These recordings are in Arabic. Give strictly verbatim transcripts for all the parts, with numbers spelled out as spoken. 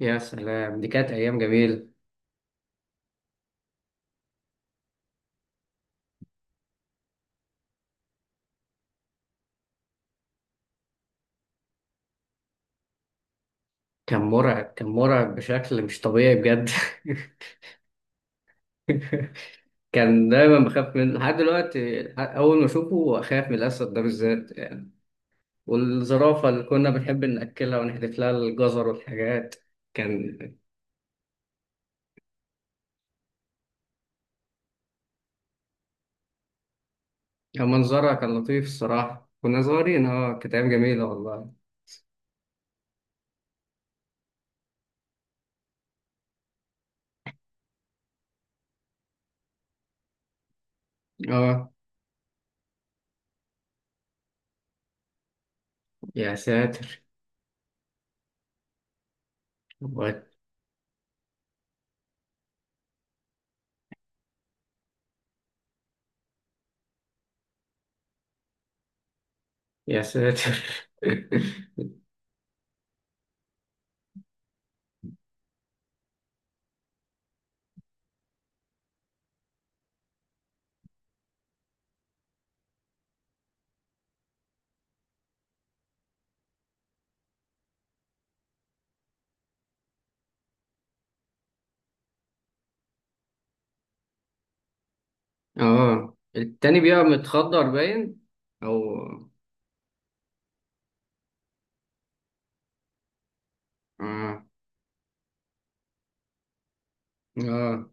يا سلام، دي كانت أيام جميلة. كان مرعب، كان مرعب بشكل مش طبيعي بجد. كان دايما بخاف منه لحد دلوقتي، أول ما أشوفه أخاف من الأسد ده بالذات يعني. والزرافة اللي كنا بنحب نأكلها ونحذف لها الجزر والحاجات. كان كان منظرها كان لطيف الصراحة، كنا صغيرين، اه، كانت أيام جميلة والله. اه، يا ساتر. وات- يا ساتر. اه، التاني بيبقى متخدر باين، أو آه، اه،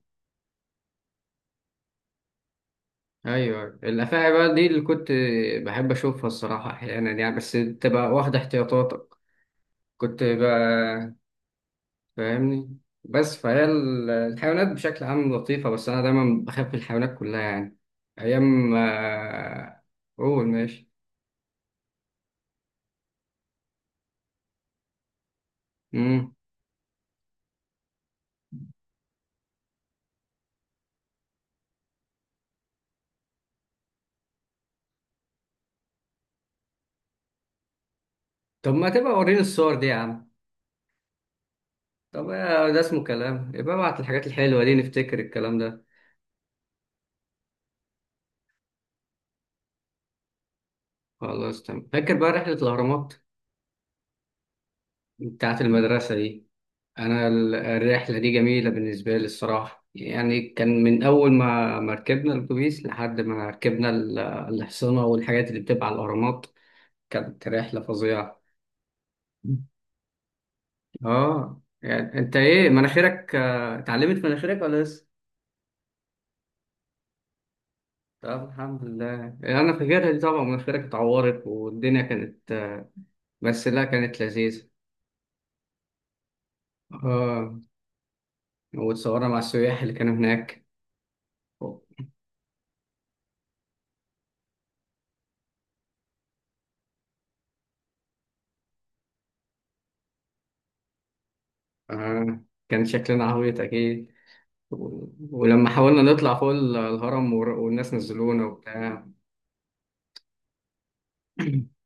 ايوه، الافاعي بقى دي اللي كنت بحب اشوفها الصراحه، احيانا يعني، بس تبقى واخده احتياطاتك. كنت بقى فاهمني. بس فهي ال- الحيوانات بشكل عام لطيفه، بس انا دايما بخاف من الحيوانات كلها يعني. ايام آه، قول ماشي. مم. طب ما تبقى وريني الصور دي يا عم. طب، آه، ده اسمه كلام، يبقى ابعت الحاجات الحلوه دي نفتكر الكلام ده. خلاص تمام. فاكر بقى رحله الاهرامات بتاعت المدرسه دي؟ أنا ال- الرحلة دي جميلة بالنسبة لي الصراحة يعني، كان من أول ما ما ركبنا الأتوبيس لحد ما ركبنا ال- الحصينة والحاجات اللي بتبقى على الأهرامات. كانت رحلة فظيعة. آه، يعني أنت إيه مناخيرك، آه، اتعلمت مناخيرك ولا لسه؟ طب الحمد لله. أنا فاكرها دي طبعا، مناخيرك اتعورت والدنيا كانت آه، بس لا، كانت لذيذة. آه، وتصورنا مع السياح اللي كانوا هناك. آه، كان شكلنا عبيط أكيد. ولما حاولنا نطلع فوق ال- الهرم ور- والناس نزلونا وبتاع.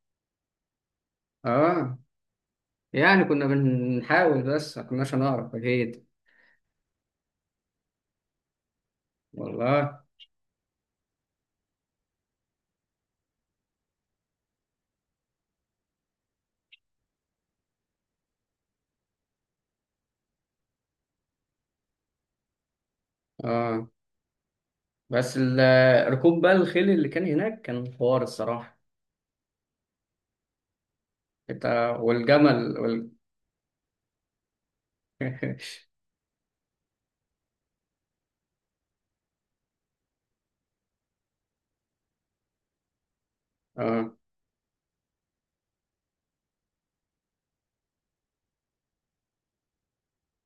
اه، يعني كنا بنحاول بس ما كناش هنعرف اكيد. والله. اه. بس ال- ركوب بقى الخيل اللي كان هناك كان حوار الصراحة. انت والجمل وال... اه،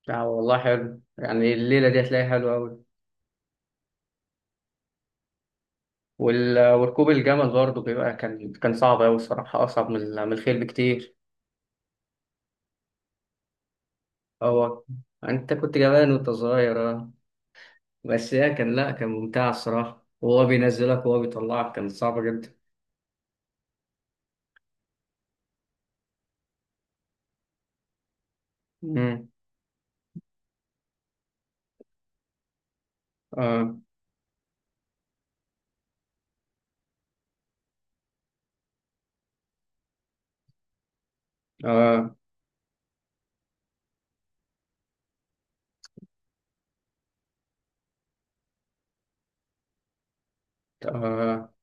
لا والله حلو، يعني الليلة دي هتلاقيها حلوة أوي. وال... وركوب الجمل برضه بيبقى كان كان صعب أوي الصراحة، أصعب من ال- من الخيل بكتير. اه، أنت كنت جبان وأنت صغير آه. بس هي كان لا، كان ممتع الصراحة، وهو بينزلك وهو بيطلعك كانت صعبة جدا. مم. آه. آه. آه.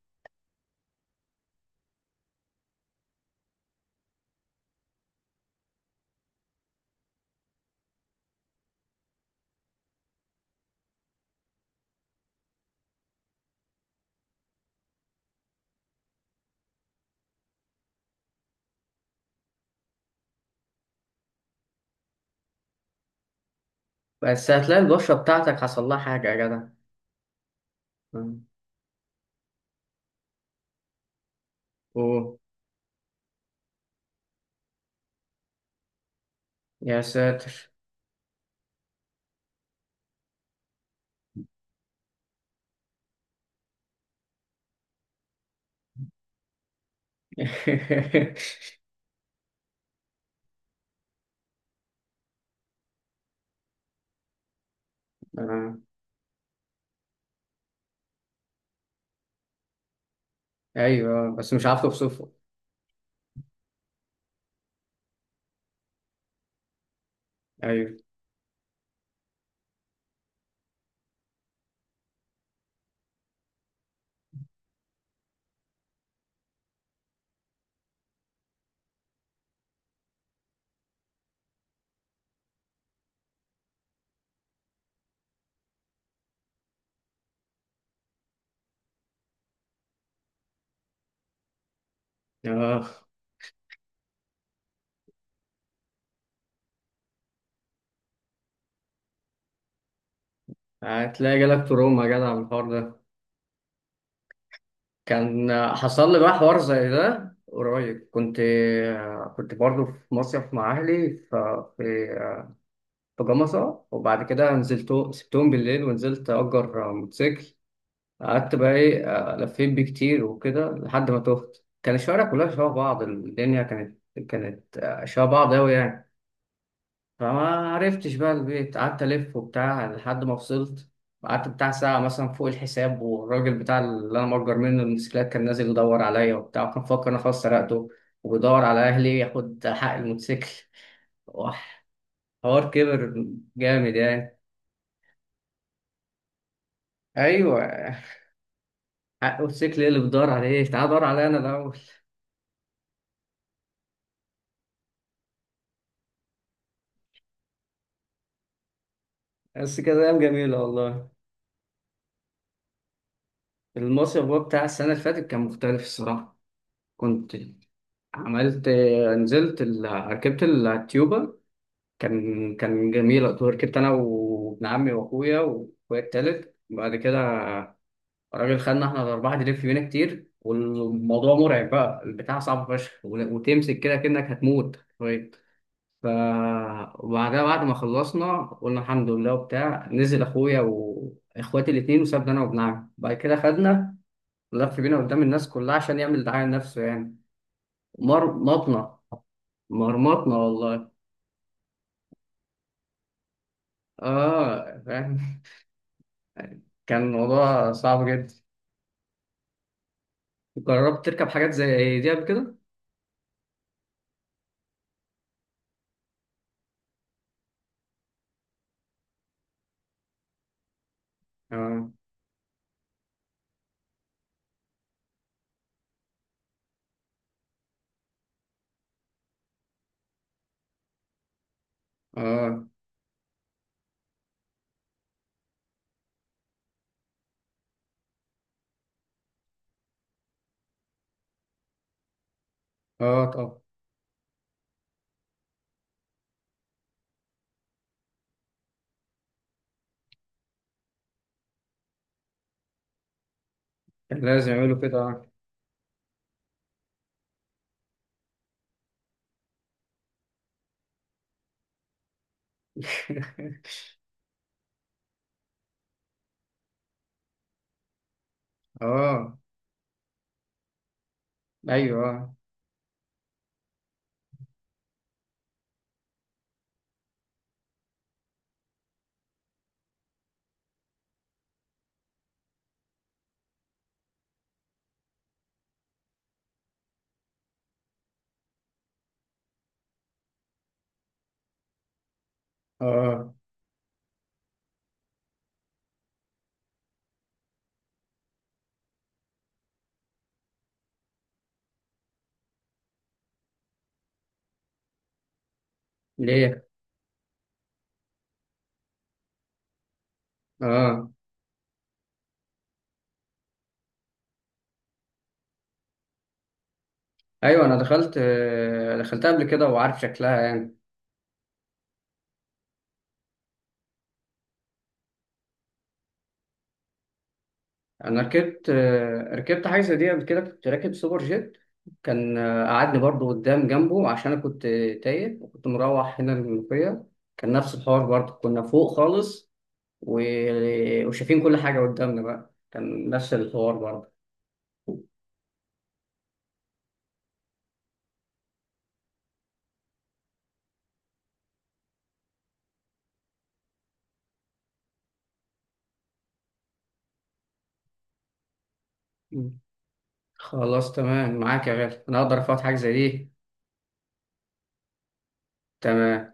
بس هتلاقي البشرة بتاعتك حصل لها حاجة يا جدع. مم. أوه، يا ساتر. آه. أيوه بس مش عارف أوصفه. أيوه. آه. هتلاقي جالك تروما يا جدع من الحوار ده. كان حصل لي بقى حوار زي ده قريب. كنت آه، كنت برضه في مصيف مع أهلي، ففي في جمصة. وبعد كده نزلت، سبتهم بالليل ونزلت أجر موتوسيكل. قعدت بقى إيه، آه، لفيت بيه كتير وكده لحد ما تهت. كان الشوارع كلها شبه بعض، الدنيا كانت كانت آه، شبه بعض أوي يعني. فما عرفتش بقى البيت، قعدت ألف وبتاع لحد ما وصلت. قعدت بتاع ساعة مثلا فوق الحساب، والراجل بتاع اللي أنا مأجر منه الموتوسيكلات كان نازل يدور عليا وبتاع، كان مفكر إن أنا خلاص سرقته وبيدور على أهلي ياخد حق الموتوسيكل. وح- حوار كبر جامد يعني. ايوه، حق وسيكل ايه اللي بتدور عليه؟ تعال دور عليا انا الاول. بس كده ايام جميله والله. المصيف بقى بتاع السنه اللي فاتت كان مختلف الصراحه. كنت عملت نزلت ال... ركبت التيوبا. كان كان جميل، ركبت انا وابن عمي واخويا واخويا التالت بعد كده. الراجل خدنا احنا الاربعه نلف بينا كتير، والموضوع مرعب بقى، البتاع صعب فشخ وتمسك كده كأنك هتموت. ف وبعدها، بعد ما خلصنا قلنا الحمد لله وبتاع، نزل اخويا واخواتي الاتنين، وسابنا انا وابن عمي. بعد كده خدنا لف بينا قدام الناس كلها عشان يعمل دعاية لنفسه يعني. مرمطنا، مرمطنا والله. اه، فاهم. كان الموضوع صعب جدا. جربت تركب حاجات زي دي قبل كده؟ اه، اه، اه، طبعا. كان لازم يعملوا كده، اه. اه، ايوه، اه، آه. ليه؟ اه، ايوه، انا دخلت آه، دخلتها قبل كده وعارف شكلها يعني. انا ركبت آه، ركبت حاجه زي دي قبل كده، كنت راكب سوبر جيت. كان آه، قعدني برضو قدام جنبه عشان انا كنت تايه، وكنت مروح هنا المنوفيه. كان نفس الحوار برضو، كنا فوق خالص. و... وشايفين كل حاجه قدامنا، بقى كان نفس الحوار برضو. مم. خلاص تمام معاك يا غالي، انا اقدر افوت حاجه زي دي؟ تمام.